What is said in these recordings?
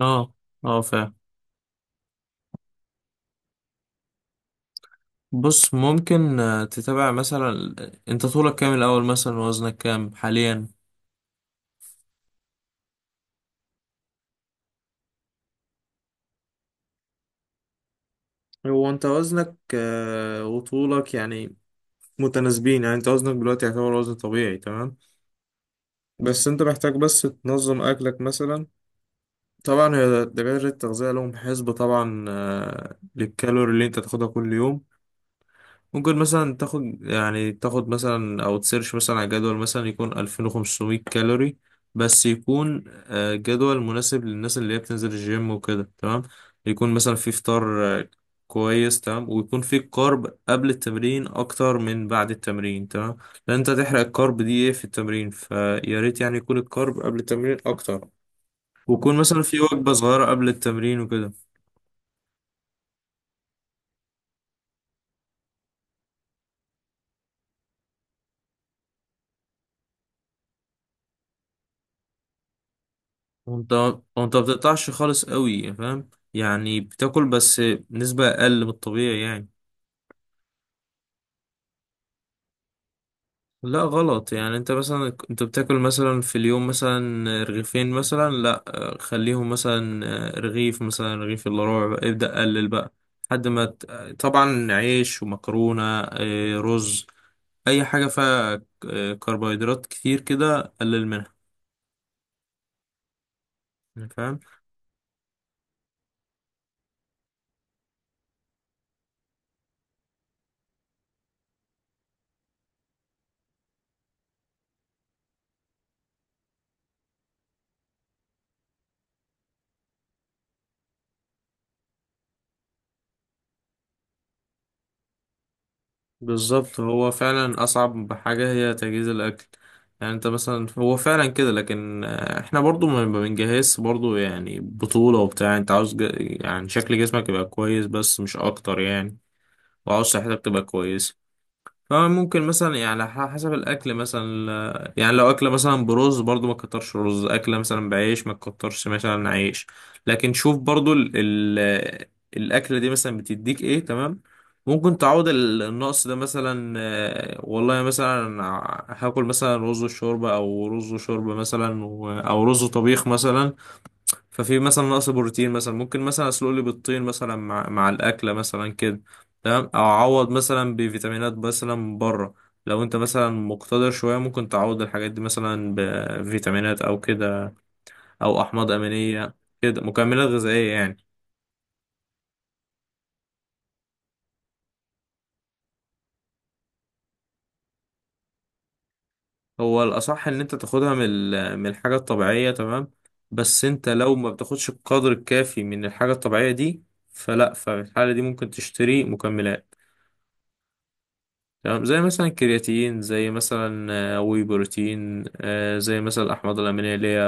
اه. اه، فاهم. بص، ممكن تتابع مثلا. انت طولك كام الاول، مثلا وزنك كام حاليا. هو انت وزنك وطولك يعني متناسبين، يعني انت وزنك دلوقتي يعتبر وزن طبيعي تمام. بس انت محتاج بس تنظم اكلك مثلا. طبعا هي دكاترة التغذية لهم حسبة طبعا، للكالوري اللي انت تاخدها كل يوم. ممكن مثلا تاخد، يعني تاخد مثلا او تسيرش مثلا على جدول مثلا يكون 2500 كالوري، بس يكون جدول مناسب للناس اللي هي بتنزل الجيم وكده تمام. يكون مثلا في فطار كويس تمام، ويكون في كارب قبل التمرين اكتر من بعد التمرين تمام، لان انت هتحرق الكارب دي ايه في التمرين، فيا ريت يعني يكون الكارب قبل التمرين اكتر، ويكون مثلا في وجبة صغيرة قبل التمرين وكده. وانت وانت ما بتقطعش خالص قوي، فاهم؟ يعني بتاكل بس نسبة اقل من الطبيعي يعني. لا، غلط، يعني انت مثلا انت بتاكل مثلا في اليوم مثلا رغيفين مثلا، لا، خليهم مثلا رغيف، مثلا رغيف الا ربع، بقى ابدأ قلل بقى لحد ما طبعا عيش ومكرونة اه، رز، اي حاجة فيها كربوهيدرات كتير كده قلل منها يعني، فاهم؟ بالظبط، هو فعلا أصعب حاجة هي تجهيز الأكل. يعني أنت مثلا هو فعلا كده، لكن إحنا برضو ما بنجهز برضو يعني بطولة وبتاع. أنت عاوز يعني شكل جسمك يبقى كويس بس، مش أكتر يعني، وعاوز صحتك تبقى كويسة. فممكن مثلا يعني حسب الاكل مثلا، يعني لو اكله مثلا برز، برضو ما تكترش رز، اكله مثلا بعيش، ما تكترش مثلا عيش. لكن شوف برضو ال ال الاكله دي مثلا بتديك ايه تمام. ممكن تعوض النقص ده مثلا، والله مثلا هاكل مثلا رز وشوربه، او رز وشوربه مثلا، او رز وطبيخ مثلا. ففي مثلا نقص بروتين مثلا، ممكن مثلا اسلق لي بيضتين مثلا مع الاكله مثلا كده تمام، او اعوض مثلا بفيتامينات مثلا من بره. لو انت مثلا مقتدر شويه، ممكن تعوض الحاجات دي مثلا بفيتامينات او كده، او احماض امينيه، كده مكملات غذائيه يعني. هو الاصح ان انت تاخدها من من الحاجه الطبيعيه تمام، بس انت لو ما بتاخدش القدر الكافي من الحاجه الطبيعيه دي، ففي الحاله دي ممكن تشتري مكملات تمام، زي مثلا الكرياتين، زي مثلا واي بروتين، زي مثلا الأحماض الأمينية اللي هي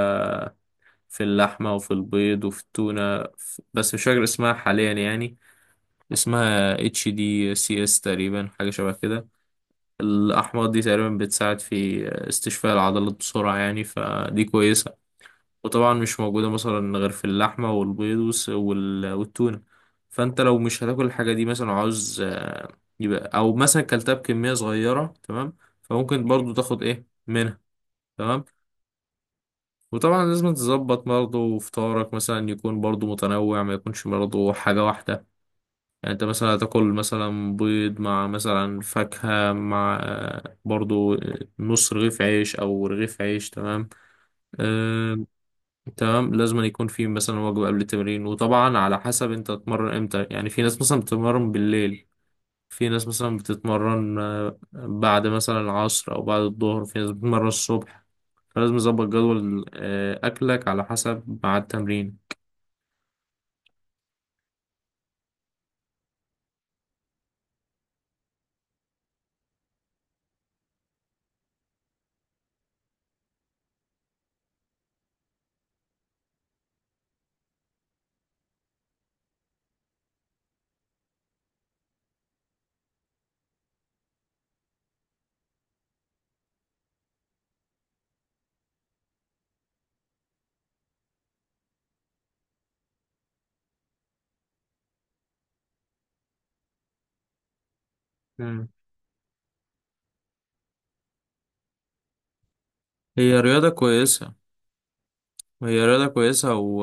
في اللحمة وفي البيض وفي التونة. بس مش فاكر اسمها حاليا يعني، اسمها اتش دي سي اس تقريبا، حاجة شبه كده. الأحماض دي تقريبا بتساعد في استشفاء العضلات بسرعة يعني، فدي كويسة. وطبعا مش موجودة مثلا غير في اللحمة والبيض والتونة. فانت لو مش هتاكل الحاجة دي مثلا، وعاوز يبقى، او مثلا كلتها بكمية صغيرة تمام، فممكن برضو تاخد ايه منها تمام. وطبعا لازم تظبط برضو فطارك مثلا، يكون برضو متنوع، ما يكونش برضو حاجة واحدة. يعني انت مثلا هتاكل مثلا بيض مع مثلا فاكهة مع برضو نص رغيف عيش او رغيف عيش تمام. آه، تمام، لازم أن يكون في مثلا وجبة قبل التمرين. وطبعا على حسب انت تتمرن امتى، يعني في ناس مثلا بتتمرن بالليل، في ناس مثلا بتتمرن بعد مثلا العصر او بعد الظهر، في ناس بتتمرن الصبح. فلازم تظبط جدول اكلك على حسب مع التمرين. مم. هي رياضة كويسة. هي رياضة كويسة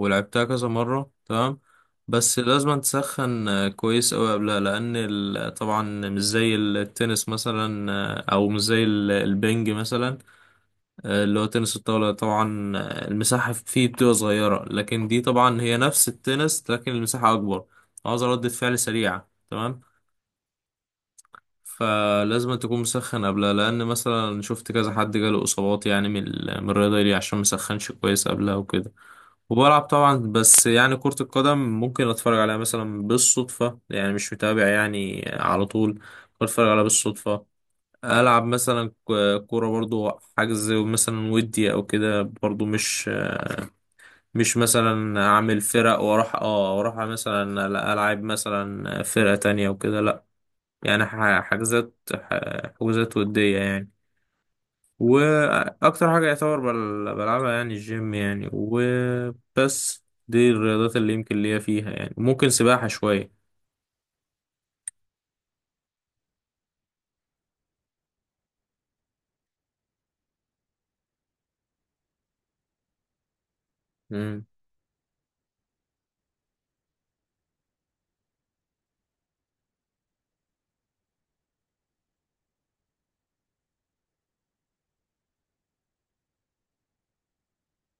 ولعبتها كذا مرة تمام، بس لازم تسخن كويس أوي قبلها، لأن طبعا مش زي التنس مثلا، أو مش زي البنج مثلا، اللي هو تنس الطاولة. طبعا المساحة فيه بتبقى صغيرة، لكن دي طبعا هي نفس التنس، لكن المساحة أكبر. عاوز ردة فعل سريعة تمام، فلازم تكون مسخن قبلها، لأن مثلا شفت كذا حد جاله إصابات يعني من من الرياضة دي عشان مسخنش كويس قبلها وكده. وبلعب طبعا، بس يعني كرة القدم ممكن اتفرج عليها مثلا بالصدفة، يعني مش متابع يعني على طول، ممكن اتفرج عليها بالصدفة. العب مثلا كورة، برضو حجز مثلا ودي او كده، برضو مش مثلا اعمل فرق واروح، اه واروح مثلا، لا، العب مثلا فرقة تانية وكده، لا. يعني حجوزات ودية يعني. واكتر حاجه يعتبر بلعبها يعني الجيم يعني، وبس. دي الرياضات اللي يمكن ليا فيها يعني، ممكن سباحه شويه.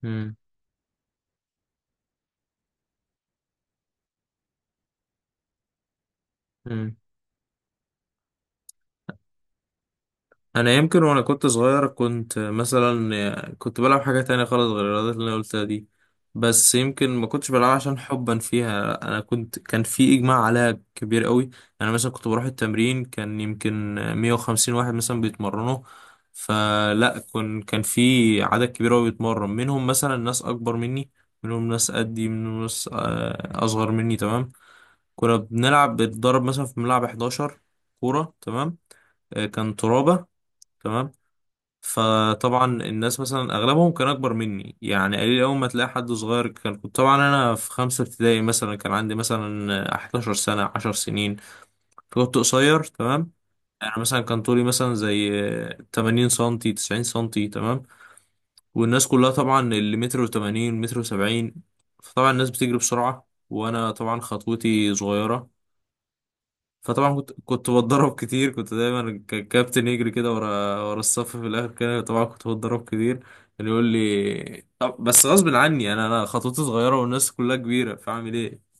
امم، انا يمكن وانا كنت صغير كنت مثلا كنت بلعب حاجة تانية خالص غير الرياضات اللي انا قلتها دي، بس يمكن ما كنتش بلعبها عشان حبا فيها، انا كنت كان في اجماع عليها كبير قوي. انا مثلا كنت بروح التمرين، كان يمكن 150 واحد مثلا بيتمرنوا. فلا كن كان في عدد كبير قوي بيتمرن، منهم مثلا ناس اكبر مني، منهم ناس قدي، منهم ناس اصغر مني تمام. كنا بنلعب، بنتدرب مثلا في ملعب 11 كورة تمام. كان ترابة تمام. فطبعا الناس مثلا اغلبهم كان اكبر مني يعني، قليل اول ما تلاقي حد صغير. كان كنت طبعا انا في خمسة ابتدائي، مثلا كان عندي مثلا 11 سنة، 10 سنين، فكنت قصير تمام. انا مثلا كان طولي مثلا زي 80 سنتي، 90 سنتي تمام، والناس كلها طبعا اللي متر و80، متر و70. فطبعا الناس بتجري بسرعة، وانا طبعا خطوتي صغيرة. فطبعا كنت بتضرب كتير، كنت دايما الكابتن يجري كده ورا، ورا الصف في الاخر كده، طبعا كنت بتضرب كتير. اللي يقول لي طب، بس غصب عني، انا خطوتي صغيره والناس كلها كبيره، فاعمل ايه؟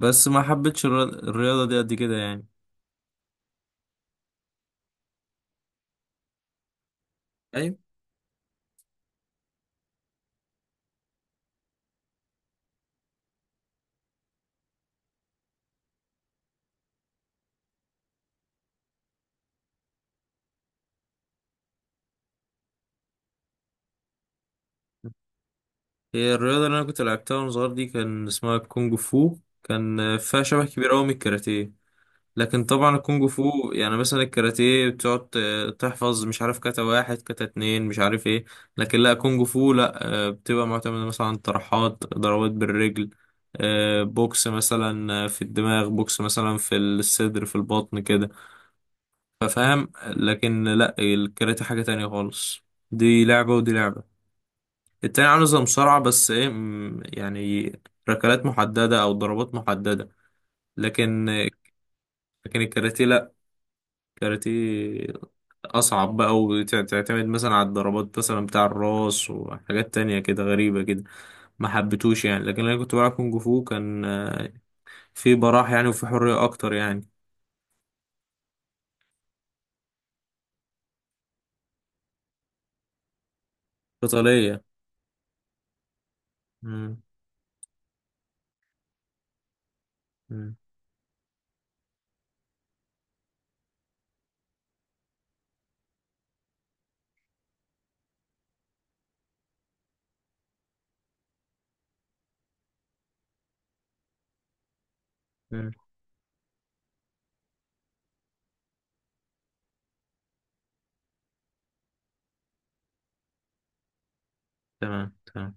بس ما حبيتش الرياضه دي قد كده يعني. ايوه. هي الرياضه اللي انا كنت لعبتها وانا صغير دي، كان اسمها كونج فو، كان فيها شبه كبير قوي من الكاراتيه. لكن طبعا الكونج فو، يعني مثلا الكاراتيه بتقعد تحفظ، مش عارف كاتا واحد، كاتا اتنين، مش عارف ايه. لكن لا كونج فو لا، بتبقى معتمدة مثلا عن طرحات ضربات بالرجل، بوكس مثلا، في الدماغ، بوكس مثلا في الصدر، في البطن كده، فاهم؟ لكن لا الكاراتيه حاجة تانية خالص. دي لعبة ودي لعبة. التاني عامل زي مصارعة، بس ايه يعني ركلات محددة او ضربات محددة. لكن لكن الكاراتيه لا، كاراتيه أصعب بقى، وتعتمد مثلا على الضربات مثلا بتاع الراس وحاجات تانية كده غريبة كده، ما حبيتوش يعني. لكن أنا كنت بلعب كونج فو، كان في براح يعني، وفي حرية أكتر يعني. قتالية. مم، مم. مم. تمام تمام.